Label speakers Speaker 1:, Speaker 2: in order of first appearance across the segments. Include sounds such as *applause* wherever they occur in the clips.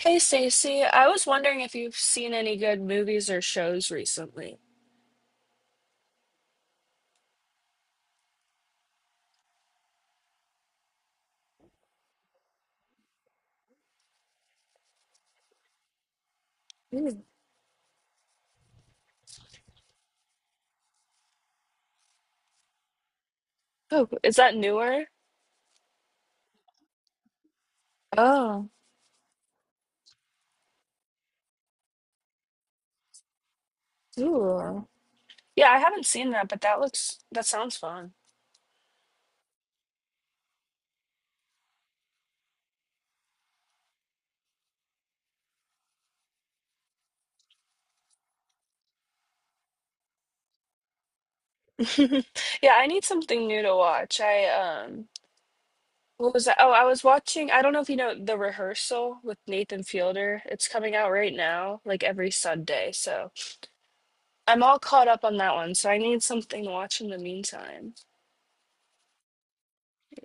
Speaker 1: Hey Stacey, I was wondering if you've seen any good movies or shows recently. Ooh. Oh, is that newer? Oh, cool. Yeah, I haven't seen that, but that sounds fun. *laughs* Yeah, I need something new to watch. I what was that? Oh, I was watching, I don't know if you know The Rehearsal with Nathan Fielder. It's coming out right now, like every Sunday. So I'm all caught up on that one, so I need something to watch in the meantime.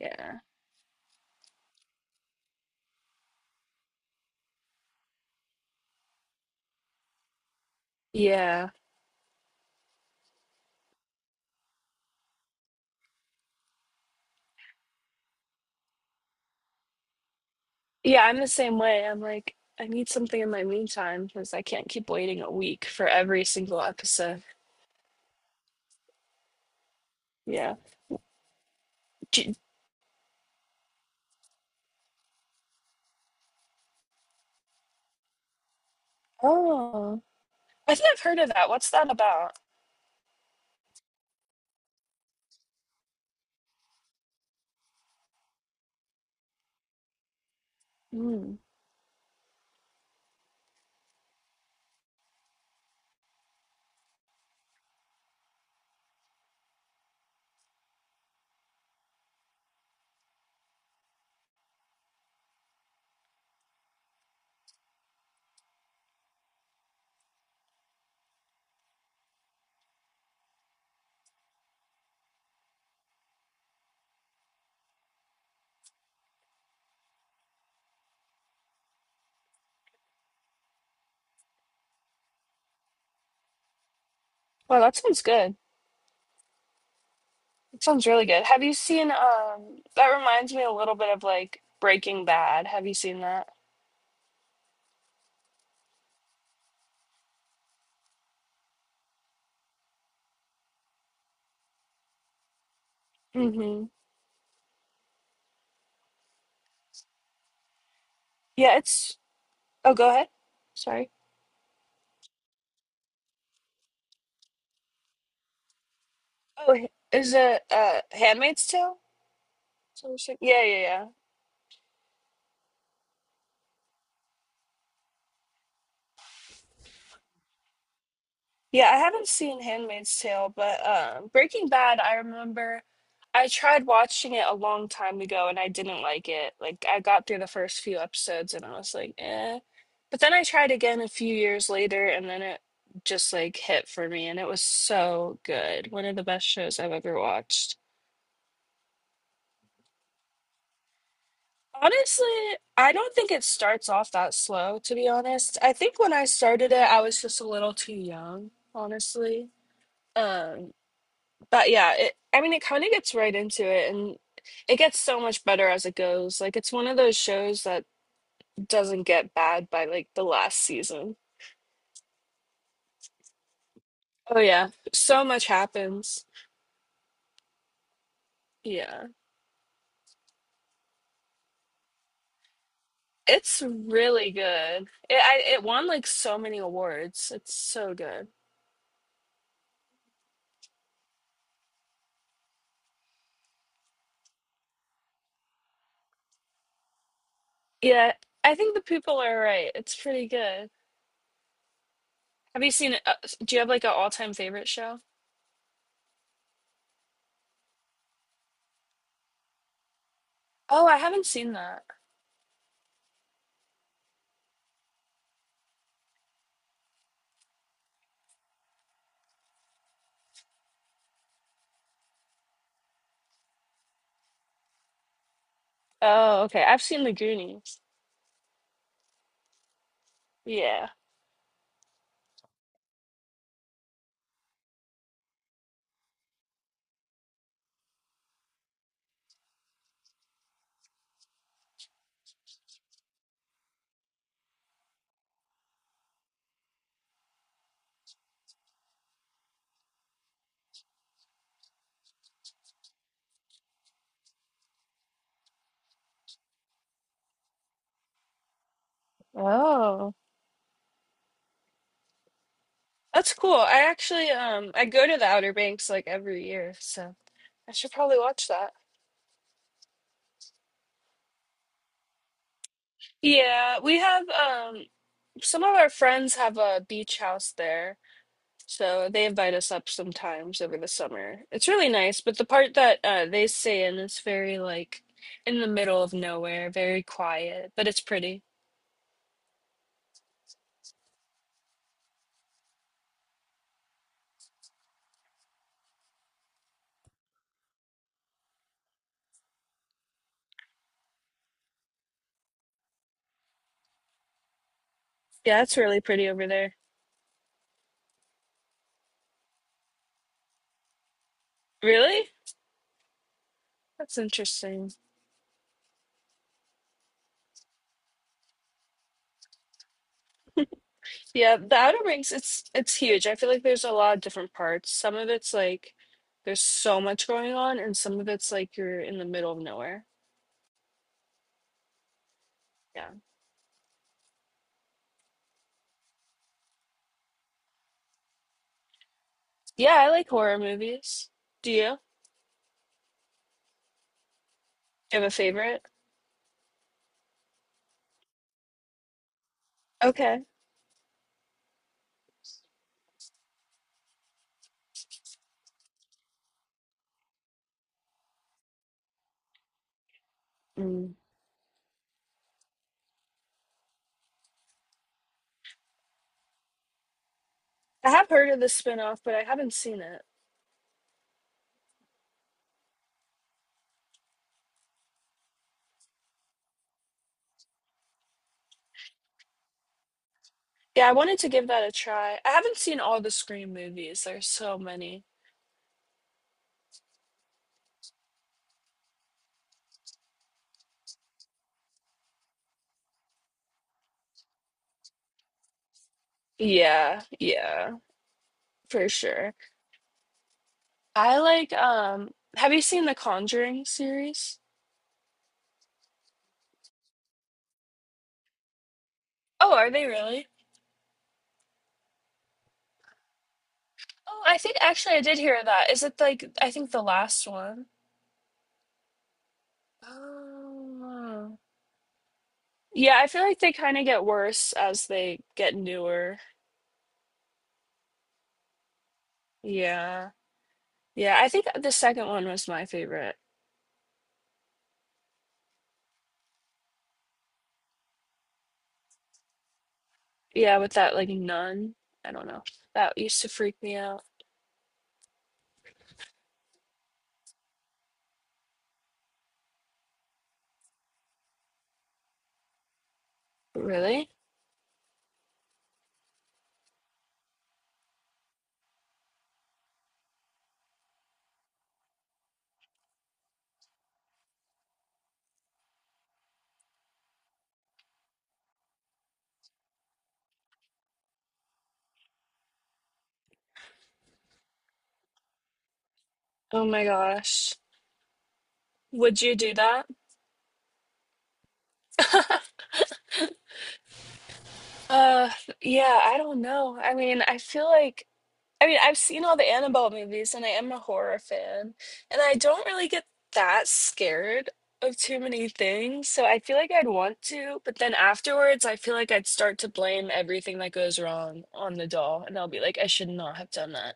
Speaker 1: Yeah. Yeah. Yeah, I'm the same way. I'm like, I need something in my meantime because I can't keep waiting a week for every single episode. Yeah. J- Oh, I think I've heard of that. What's that about? Mm. Well, that sounds good. That sounds really good. Have you seen, that reminds me a little bit of like Breaking Bad. Have you seen that? Mm-hmm. Yeah, it's, oh, go ahead. Sorry. Oh, is it, Handmaid's Tale? Some shit? Yeah, yeah, yeah. Yeah, I haven't seen Handmaid's Tale, but Breaking Bad, I remember I tried watching it a long time ago and I didn't like it. Like, I got through the first few episodes and I was like, eh. But then I tried again a few years later and then it just like hit for me and it was so good. One of the best shows I've ever watched. Honestly, I don't think it starts off that slow, to be honest. I think when I started it, I was just a little too young, honestly. um. But yeah, I mean, it kind of gets right into it and it gets so much better as it goes. Like, it's one of those shows that doesn't get bad by like the last season. Oh, yeah. So much happens. Yeah. It's really good. It won like so many awards. It's so good. Yeah. I think the people are right. It's pretty good. Have you seen, do you have like an all-time favorite show? Oh, I haven't seen that. Oh, okay. I've seen The Goonies. Yeah. Oh. That's cool. I actually I go to the Outer Banks like every year, so I should probably watch that. Yeah, we have some of our friends have a beach house there. So they invite us up sometimes over the summer. It's really nice, but the part that they stay in is very like in the middle of nowhere, very quiet, but it's pretty. Yeah, it's really pretty over there. Really? That's interesting. Yeah, the Outer Banks, it's huge. I feel like there's a lot of different parts. Some of it's like there's so much going on, and some of it's like you're in the middle of nowhere. Yeah. Yeah, I like horror movies. Do you? Do you have a favorite? Okay. Mm. I have heard of the spin-off, but I haven't seen it. Yeah, I wanted to give that a try. I haven't seen all the Scream movies. There's so many. Yeah, yeah, for sure. I like have you seen the Conjuring series? Oh, are they really? Oh, I think actually I did hear that. Is it like I think the last one? Oh. Yeah, I feel like they kind of get worse as they get newer. Yeah. Yeah, I think the second one was my favorite. Yeah, with that like nun. I don't know. That used to freak me out. Really? Oh my gosh. Would you do that? *laughs* Uh, yeah, I don't know. I mean, I feel like I mean, I've seen all the Annabelle movies and I am a horror fan, and I don't really get that scared of too many things. So I feel like I'd want to, but then afterwards, I feel like I'd start to blame everything that goes wrong on the doll, and I'll be like, I should not have done that.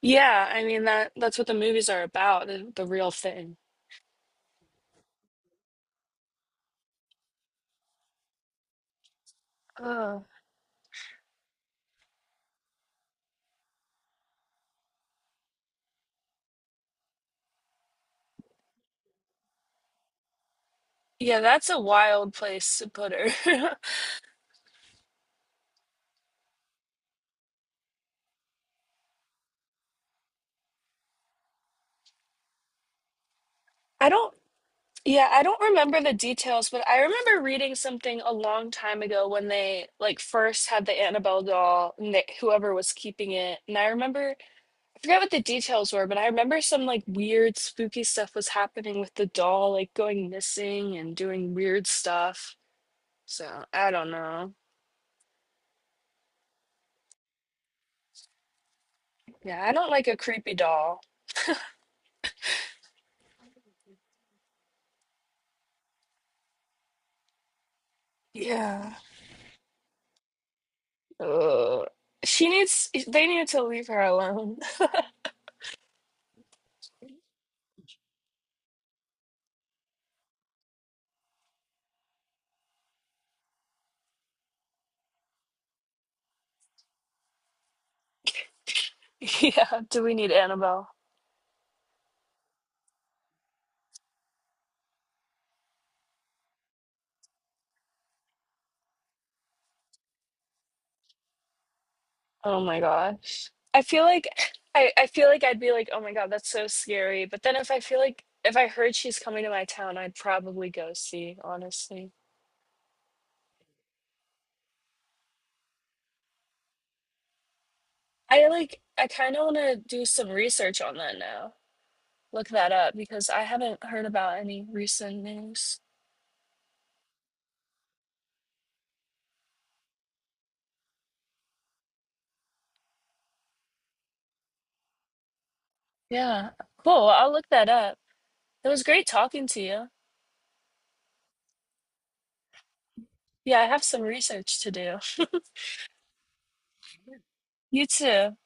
Speaker 1: Yeah, I mean that's what the movies are about, the real thing. Oh yeah, that's a wild place to put her. *laughs* I don't Yeah, I don't remember the details, but I remember reading something a long time ago when they like first had the Annabelle doll and whoever was keeping it. I forgot what the details were, but I remember some like weird spooky stuff was happening with the doll, like going missing and doing weird stuff. So, I don't know. Yeah, I don't like a creepy doll. Yeah. Ugh. They need to leave her alone. *laughs* Yeah, do we need Annabelle? Oh my gosh. I feel like I'd be like, oh my God, that's so scary. But then if I feel like if I heard she's coming to my town, I'd probably go see, honestly. I kind of want to do some research on that now. Look that up because I haven't heard about any recent news. Yeah, cool. I'll look that up. It was great talking to you. Yeah, I have some research to do. You too.